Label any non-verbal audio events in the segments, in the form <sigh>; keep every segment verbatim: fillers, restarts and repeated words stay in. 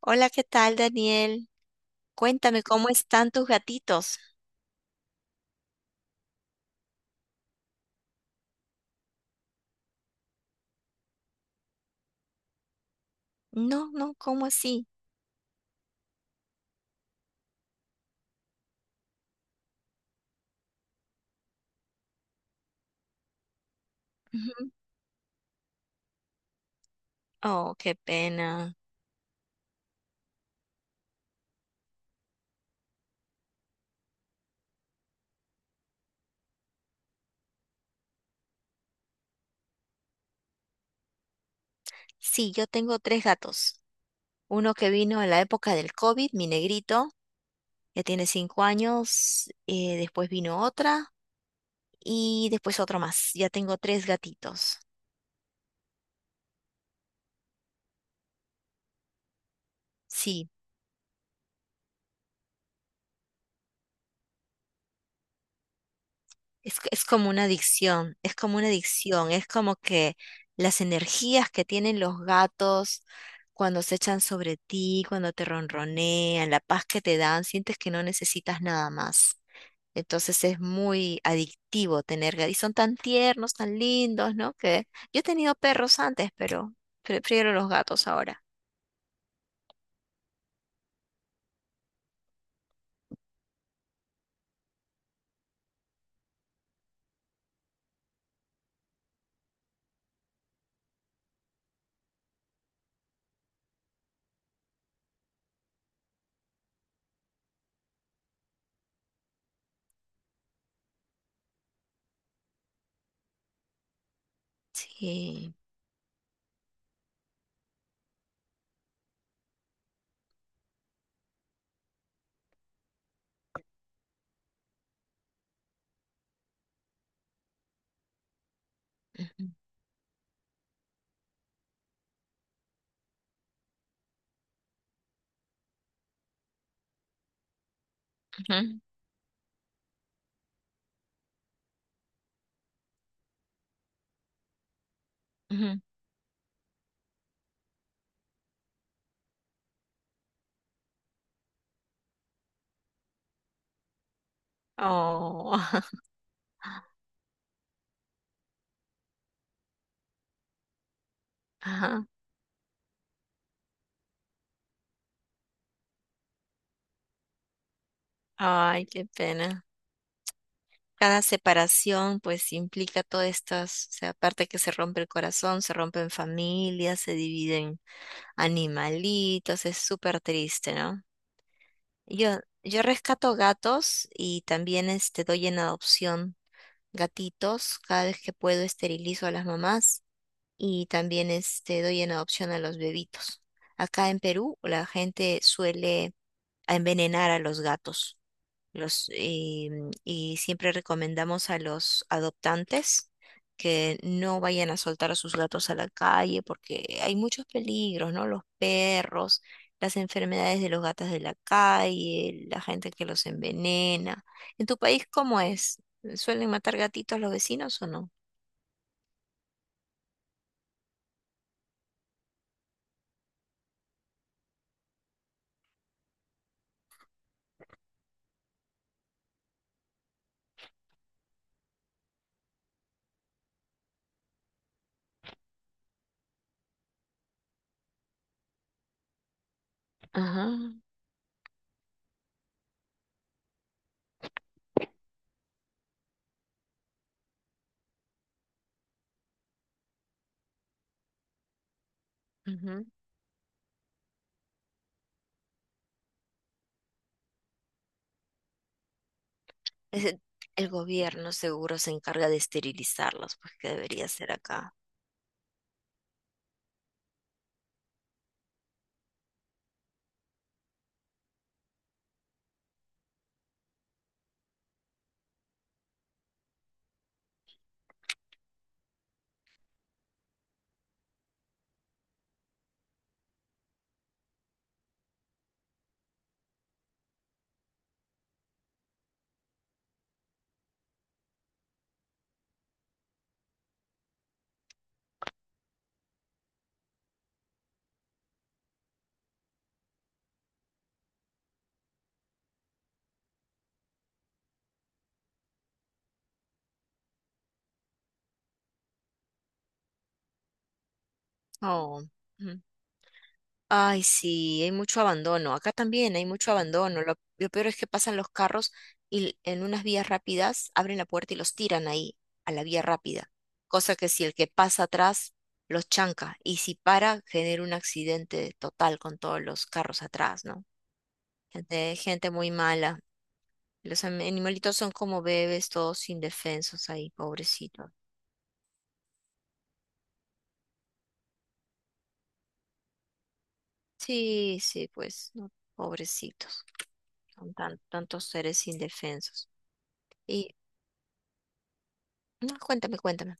Hola, ¿qué tal, Daniel? Cuéntame, ¿cómo están tus gatitos? No, no, ¿cómo así? Ujú. Oh, qué pena. Sí, yo tengo tres gatos. Uno que vino en la época del COVID, mi negrito, ya tiene cinco años. Eh, después vino otra y después otro más. Ya tengo tres gatitos. Sí. Es, es como una adicción, es como una adicción, es como que las energías que tienen los gatos cuando se echan sobre ti, cuando te ronronean, la paz que te dan, sientes que no necesitas nada más. Entonces es muy adictivo tener gatos. Y son tan tiernos, tan lindos, ¿no? Que yo he tenido perros antes, pero prefiero los gatos ahora. Sí. Ujú, ujú, ujú. Oh. <laughs> Ajá. Ay, qué pena. Cada separación pues implica todas estas, o sea, aparte que se rompe el corazón, se rompen familias, se dividen animalitos, es súper triste, ¿no? Yo, yo rescato gatos y también este, doy en adopción gatitos, cada vez que puedo esterilizo a las mamás y también este, doy en adopción a los bebitos. Acá en Perú la gente suele a envenenar a los gatos. Los, y, y siempre recomendamos a los adoptantes que no vayan a soltar a sus gatos a la calle porque hay muchos peligros, ¿no? Los perros, las enfermedades de los gatos de la calle, la gente que los envenena. ¿En tu país cómo es? ¿Suelen matar gatitos los vecinos o no? Ajá, ujú. Ese- el gobierno seguro se encarga de esterilizarlos, pues que debería ser acá. Oh. Ay, sí, hay mucho abandono. Acá también hay mucho abandono. Lo, lo peor es que pasan los carros y l- en unas vías rápidas abren la puerta y los tiran ahí, a la vía rápida. Cosa que si el que pasa atrás los chanca y si para, genera un accidente total con todos los carros atrás, ¿no? Gente, gente muy mala. Los am- animalitos son como bebés, todos indefensos ahí, pobrecitos. Sí, sí, pues, no, pobrecitos. Son tan- tantos seres indefensos. No, cuéntame, cuéntame.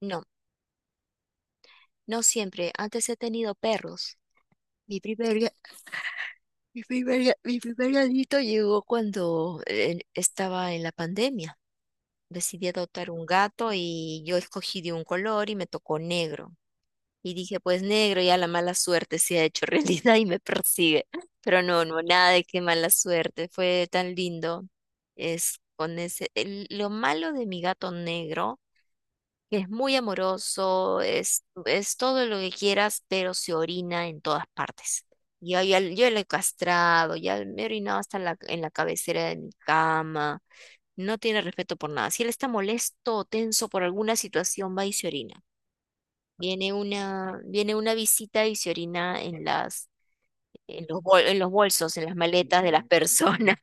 No, no siempre. Antes he tenido perros. Mi primer, ga- <laughs> mi primer, ga- mi primer gatito llegó cuando eh, estaba en la pandemia. Decidí adoptar un gato y yo escogí de un color y me tocó negro. Y dije, pues negro, ya la mala suerte se ha hecho <laughs> realidad y me persigue. Pero no, no, nada de qué mala suerte. Fue tan lindo. Es con ese, el- Lo malo de mi gato negro. Es muy amoroso, es, es todo lo que quieras, pero se orina en todas partes. Yo ya, yo lo he castrado, ya me he orinado hasta en la, en la cabecera de mi cama. No tiene respeto por nada. Si él está molesto o tenso por alguna situación, va y se orina. Viene una, viene una visita y se orina en las, en los bol- en los bolsos, en las maletas de las personas.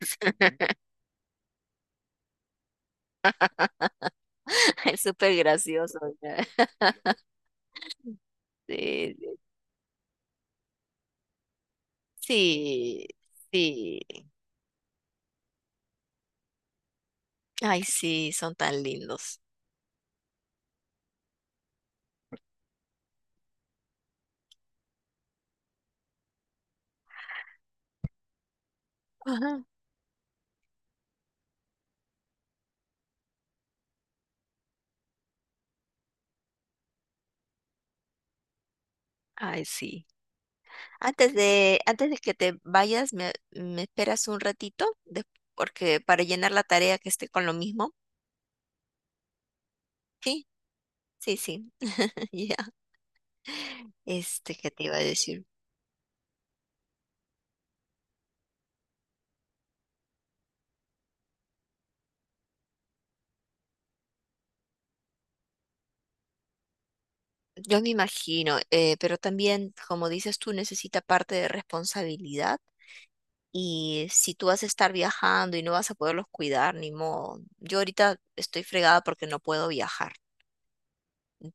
<laughs> Es súper gracioso. ¿Verdad? Sí, sí, sí. Ay, sí, son tan lindos. Ajá. Ay, sí. Antes de, antes de que te vayas, me, me esperas un ratito, de- porque para llenar la tarea que esté con lo mismo. Sí, sí, sí. <laughs> Ya. Este, ¿qué te iba a decir? Yo me imagino, eh, pero también, como dices tú, necesita parte de responsabilidad. Y si tú vas a estar viajando y no vas a poderlos cuidar, ni modo. Yo ahorita estoy fregada porque no puedo viajar.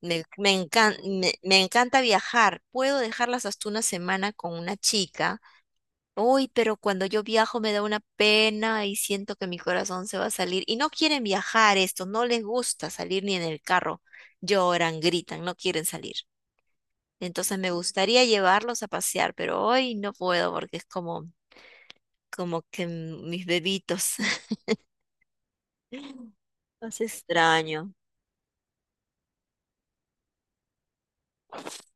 Me, me encan- me- me encanta viajar. Puedo dejarlas hasta una semana con una chica. Uy, pero cuando yo viajo me da una pena y siento que mi corazón se va a salir. Y no quieren viajar estos, no les gusta salir ni en el carro. Lloran, gritan, no quieren salir. Entonces me gustaría llevarlos a pasear, pero hoy no puedo porque es como, como que mm, mis bebitos. <laughs> Los extraño.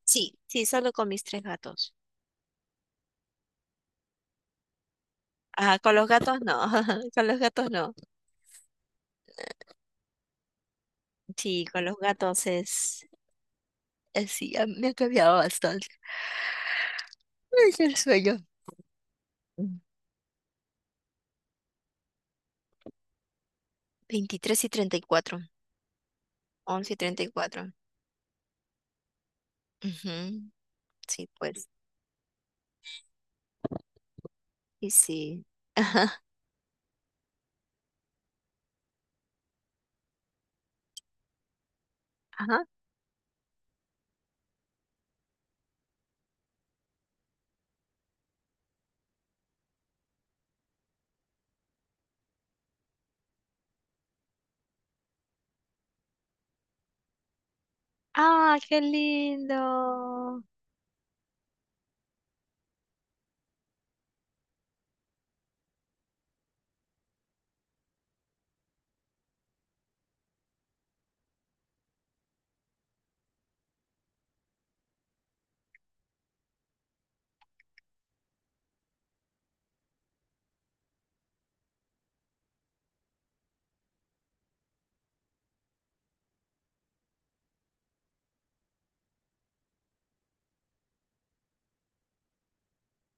Sí, sí, solo con mis tres gatos. Ah, con los gatos no, <laughs> con los gatos no. Sí, con los gatos es, es, sí, a- me ha cambiado bastante. Ay, ya el sueño. Mm. veintitrés y treinta y cuatro. once y treinta y cuatro. Ujú. Sí, pues, y sí. Ajá. Ah, qué lindo.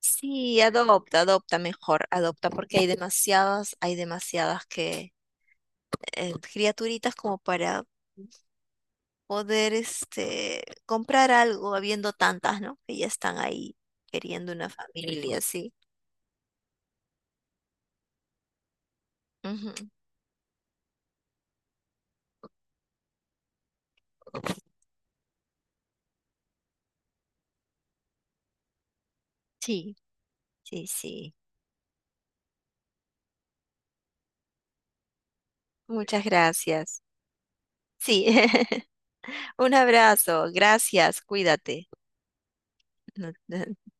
Sí, adopta, adopta mejor, adopta porque hay demasiadas, hay demasiadas que eh, criaturitas como para poder este comprar algo, habiendo tantas, ¿no? Que ya están ahí queriendo una familia, sí. Ujú. Sí, sí, sí. Muchas gracias. Sí. <laughs> Un abrazo. Gracias. Cuídate. <laughs>